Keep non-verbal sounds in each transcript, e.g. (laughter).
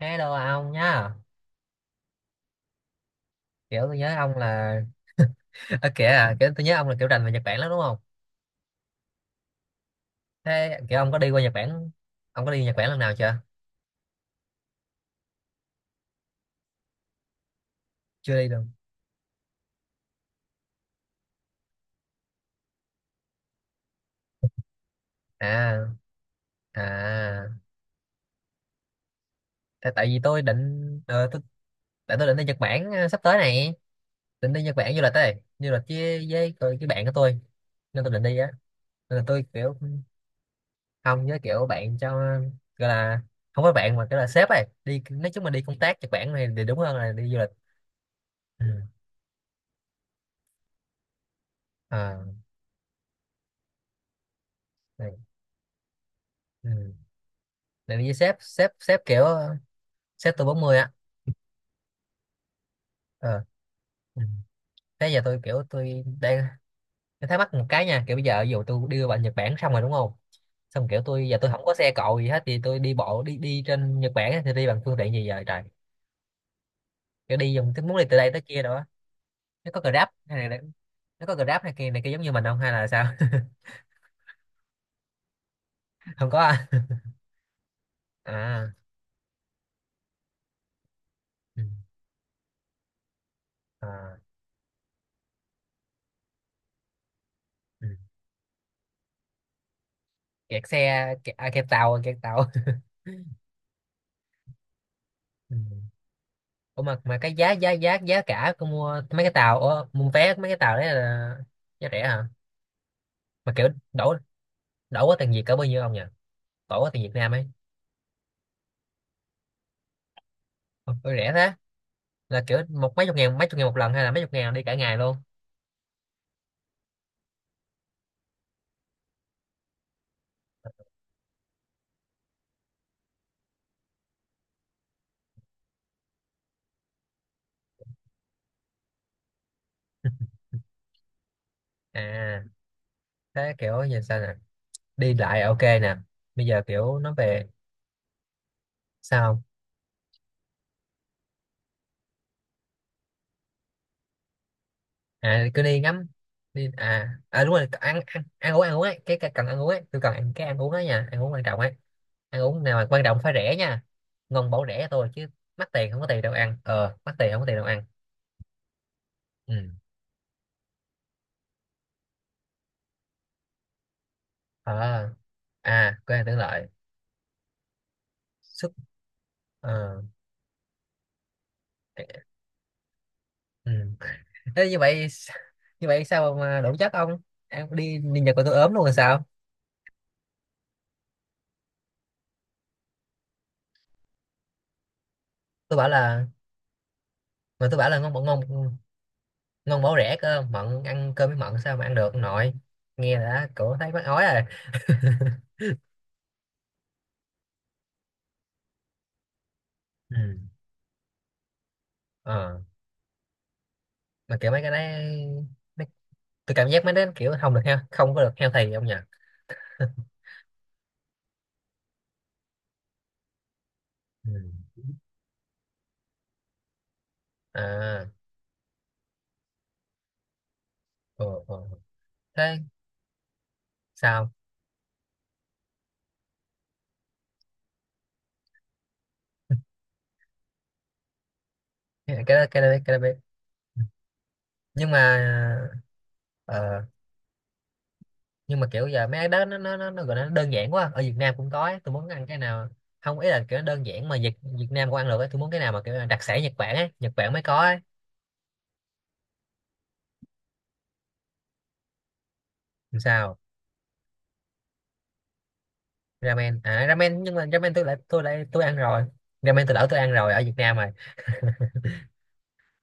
Hello ông nhá. Kiểu tôi nhớ ông là (laughs) Ở kìa à, kiểu tôi nhớ ông là kiểu rành về Nhật Bản lắm đúng không? Thế kiểu ông có đi qua Nhật Bản, ông có đi Nhật Bản lần nào chưa? Chưa đi luôn à? À. Tại vì tôi định tại tôi định đi Nhật Bản sắp tới này, định đi Nhật Bản du lịch đây, du lịch với cái bạn của tôi nên tôi định đi á. Nên là tôi kiểu không với kiểu bạn cho, gọi là không phải bạn mà kiểu là sếp ấy đi, nói chung là đi công tác Nhật Bản này thì đúng hơn là đi du lịch. Ừ. À, này. Ừ. Tại vì sếp sếp sếp kiểu sếp tôi 40 á. Ờ. Ừ. Thế giờ tôi kiểu tôi đang, tôi thắc mắc một cái nha, kiểu bây giờ ví dụ tôi đưa bạn Nhật Bản xong rồi đúng không, xong kiểu tôi giờ tôi không có xe cộ gì hết thì tôi đi bộ đi đi trên Nhật Bản á, thì đi bằng phương tiện gì giờ trời, kiểu đi dùng tôi muốn đi từ đây tới kia rồi á, nó có Grab hay là, nó có Grab hay kia này kia giống như mình không hay là sao? (laughs) Không có à? À, ừ. À, ừ. Kẹt xe kẹt, à, kẹt tàu kẹt tàu. (laughs) Ừ. Ủa mà cái giá giá giá giá cả cô mua mấy cái tàu, ủa, mua vé mấy cái tàu đấy là giá rẻ hả? Mà kiểu đổ, đổ quá tiền Việt cỡ bao nhiêu ông nhỉ? Đổ quá tiền Việt Nam ấy. Ủa, ủa rẻ thế. Là kiểu một mấy chục ngàn, mấy chục ngàn một lần hay là mấy chục ngàn đi cả ngày luôn? (laughs) À, thế kiểu giờ sao nè? Đi lại à, ok nè. Bây giờ kiểu nó về sao không? À cứ đi ngắm đi, à à đúng rồi ăn ăn ăn uống, ăn uống ấy, cái cần ăn uống ấy, tôi cần ăn cái ăn uống ấy nha, ăn uống quan trọng ấy, ăn uống nào mà quan trọng phải rẻ nha, ngon bổ rẻ thôi chứ mắc tiền không có tiền đâu ăn, mắc tiền không có tiền đâu ăn. Ừ. À, à quên tưởng lại. Sức. Ờ. Ừ. Thế như vậy (laughs) như vậy sao mà đủ chất ông? Ăn đi đi Nhật mà tôi ốm luôn rồi sao? Tôi bảo là, mà tôi bảo là ngon bổ ngon, ngon bổ rẻ cơ. Mận ăn cơm với mận sao mà ăn được, nội nghe đã cổ thấy mắc ói rồi. Ừ. Ờ. Mà kiểu mấy cái đấy, mấy-, tôi cảm giác mấy đấy kiểu không được heo, không có được healthy ông nhỉ? Ừ. À. Ờ, ờ. Ờ. Thế sao, cái đó, cái đó biết, cái đó biết, nhưng mà, ờ, nhưng mà kiểu giờ mấy cái đó nó, gọi là nó đơn giản quá ở Việt Nam cũng có ấy. Tôi muốn ăn cái nào, không ý là kiểu nó đơn giản mà Việt Việt Nam cũng ăn được ấy. Tôi muốn cái nào mà kiểu là đặc sản Nhật Bản ấy, Nhật Bản mới có ấy. Làm sao? Ramen à, ramen, nhưng mà ramen tôi ăn rồi. Ramen tôi lỡ tôi ăn rồi ở Việt Nam rồi. (laughs)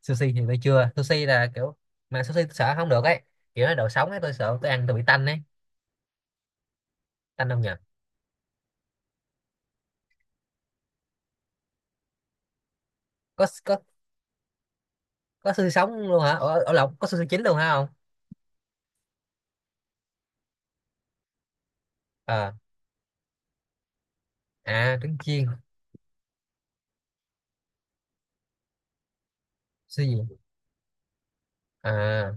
Sushi thì tôi chưa, sushi là kiểu, mà sushi tôi sợ không được ấy, kiểu nó đồ sống ấy tôi sợ tôi ăn tôi bị tanh ấy. Tanh không nhỉ? Có, có xương sống luôn hả? Ở, ở lộc có xương chín luôn hả không? Ờ. À trứng chiên. Xương gì? À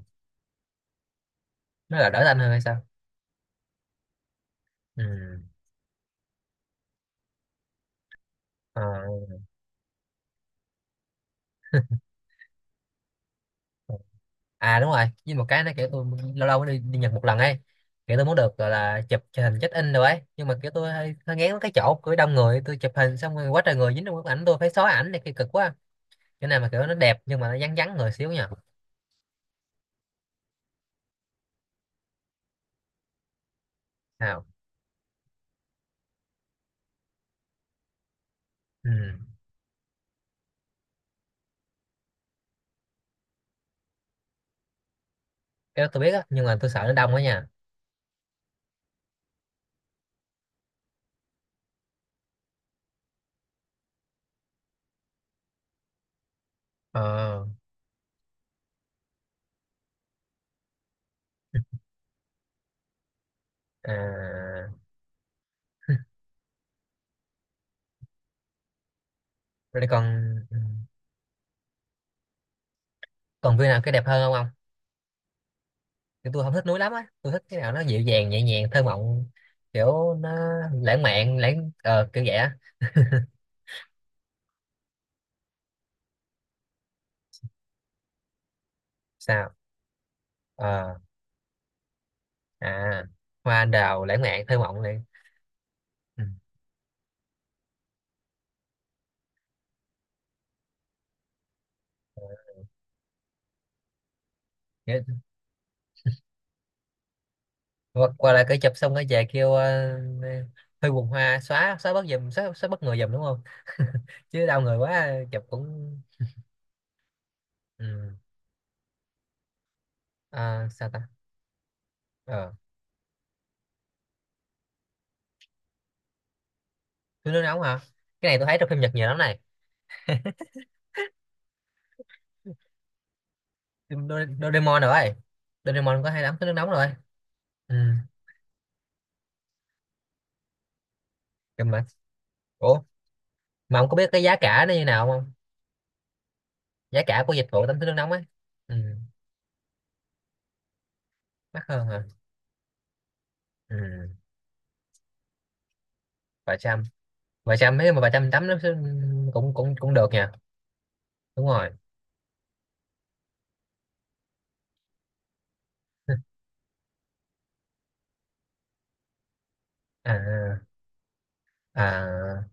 nó là đỡ tanh hơn hay sao? Ừ. Ờ. À đúng rồi, với một cái nó kiểu tôi lâu lâu mới đi, đi Nhật một lần ấy, kiểu tôi muốn được gọi là chụp hình check in rồi ấy, nhưng mà kiểu tôi hơi ngán cái chỗ của đông người, tôi chụp hình xong rồi quá trời người dính trong bức ảnh tôi phải xóa ảnh này kia cực quá. Cái này mà kiểu nó đẹp nhưng mà nó vắng vắng người xíu nha. Sao. Ừ. Cái đó tôi biết á nhưng mà tôi sợ nó đông quá nha. Ờ. À. (laughs) Rồi còn, ừ. Còn view nào cái đẹp hơn không ông? Thì tôi không thích núi lắm á, tôi thích cái nào nó dịu dàng nhẹ nhàng thơ mộng, kiểu nó lãng mạn, kiểu vậy á. Sao. Ờ. À. Hoa anh đào lãng mạn thơ mộng này. Ừ. Vậy-. Qua, qua lại cái chụp xong cái về kêu hơi buồn hoa, xóa xóa bớt giùm, xóa, xóa bớt người giùm đúng không? (laughs) Chứ đau người quá chụp cũng. Ừ. Ờ, sao ta. Ờ. Tôi nước nóng hả? Cái này tôi thấy trong phim Nhật nhiều lắm này. Phim Do- Doraemon rồi, Doraemon có hay lắm cái nước nóng rồi. Ừ. Cầm. Ủa mà ông có biết cái giá cả nó như nào không, giá cả của dịch vụ tắm suối nước nóng á? Ừ. Mắc hơn hả? Ừ. Vài trăm. Vài trăm nếu mà vài trăm tắm nó sẽ-, cũng cũng cũng được nha. Đúng rồi. (laughs) À, à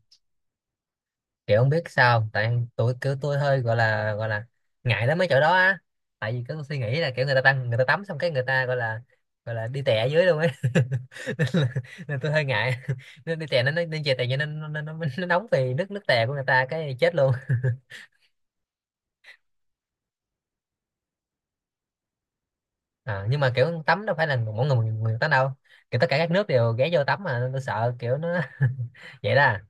kiểu không biết sao không? Tại tôi kiểu tôi hơi gọi là ngại lắm mấy chỗ đó á, tại vì cứ suy nghĩ là kiểu người ta tăng người ta tắm xong cái người ta gọi là đi tè ở dưới luôn ấy (laughs) nên, là, nên tôi hơi ngại (laughs) nên đi tè nên chè tè cho nên nó nóng vì nước nước tè của người ta cái chết luôn. À, nhưng mà kiểu tắm đâu phải là mỗi người một người tắm đâu, kiểu tất cả các nước đều ghé vô tắm mà, nên tôi sợ kiểu nó (laughs) vậy đó à.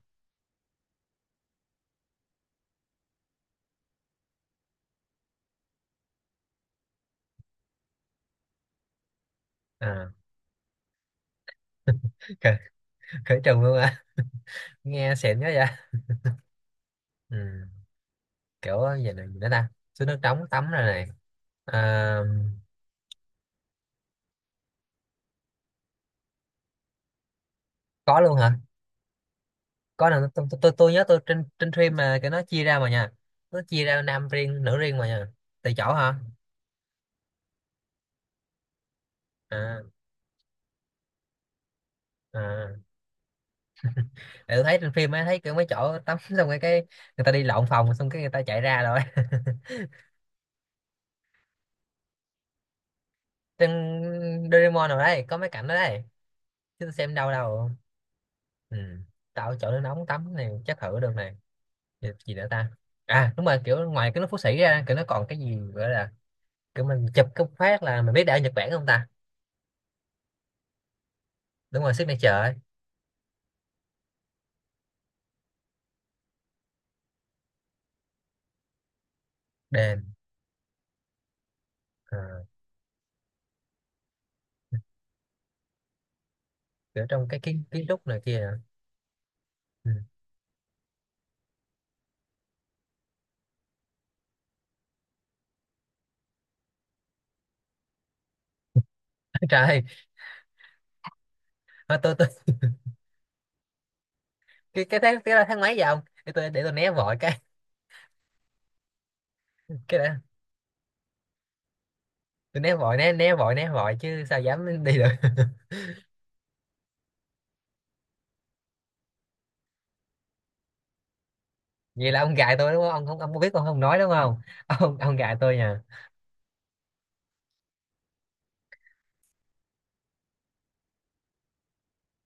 À. Khử, khử trùng luôn à? Nghe xịn quá vậy. Ừ. Kiểu gì nữa ta. Xuống nước trống tắm rồi này. À. Có luôn hả? Có là tôi nhớ tôi trên trên phim mà cái nó chia ra mà nha, nó chia ra nam riêng nữ riêng mà nha. Tùy chỗ hả? À, à. Tại tôi thấy trên phim ấy, thấy kiểu mấy chỗ tắm (laughs) xong cái người ta đi lộn phòng xong cái người ta chạy ra rồi. (laughs) Tên Doraemon rồi đấy có mấy cảnh đó đấy chứ tôi xem đâu đâu. Ừ. Tạo chỗ nước nóng tắm này chắc thử được này. Gì, gì nữa ta. À đúng rồi kiểu ngoài cái nước Phú Sĩ ra kiểu nó còn cái gì gọi là kiểu mình chụp cái phát là mình biết đã ở Nhật Bản không ta? Đúng rồi, signature ấy. Đền. Ờ, kiểu trong cái kiến kiến trúc này kia. Ừ. (laughs) Trời ơi, thôi tôi, cái tháng, cái tháng mấy vậy ông, để tôi né vội cái (laughs) cái đó. Tôi né vội, né né vội chứ sao dám đi được. (laughs) Vậy là ông gài tôi đúng không ông, không ông có biết ông không nói đúng không, ông gài tôi nha.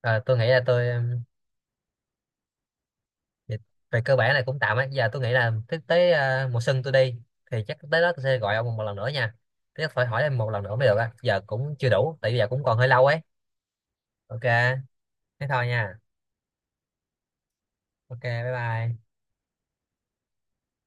Rồi tôi nghĩ là tôi về, về cơ bản là cũng tạm á. Giờ tôi nghĩ là tới, tới à, mùa xuân tôi đi thì chắc tới đó tôi sẽ gọi ông một lần nữa nha. Thế phải hỏi em một lần nữa mới được á. Giờ cũng chưa đủ tại vì giờ cũng còn hơi lâu ấy. Ok, thế thôi nha. Ok, bye bye.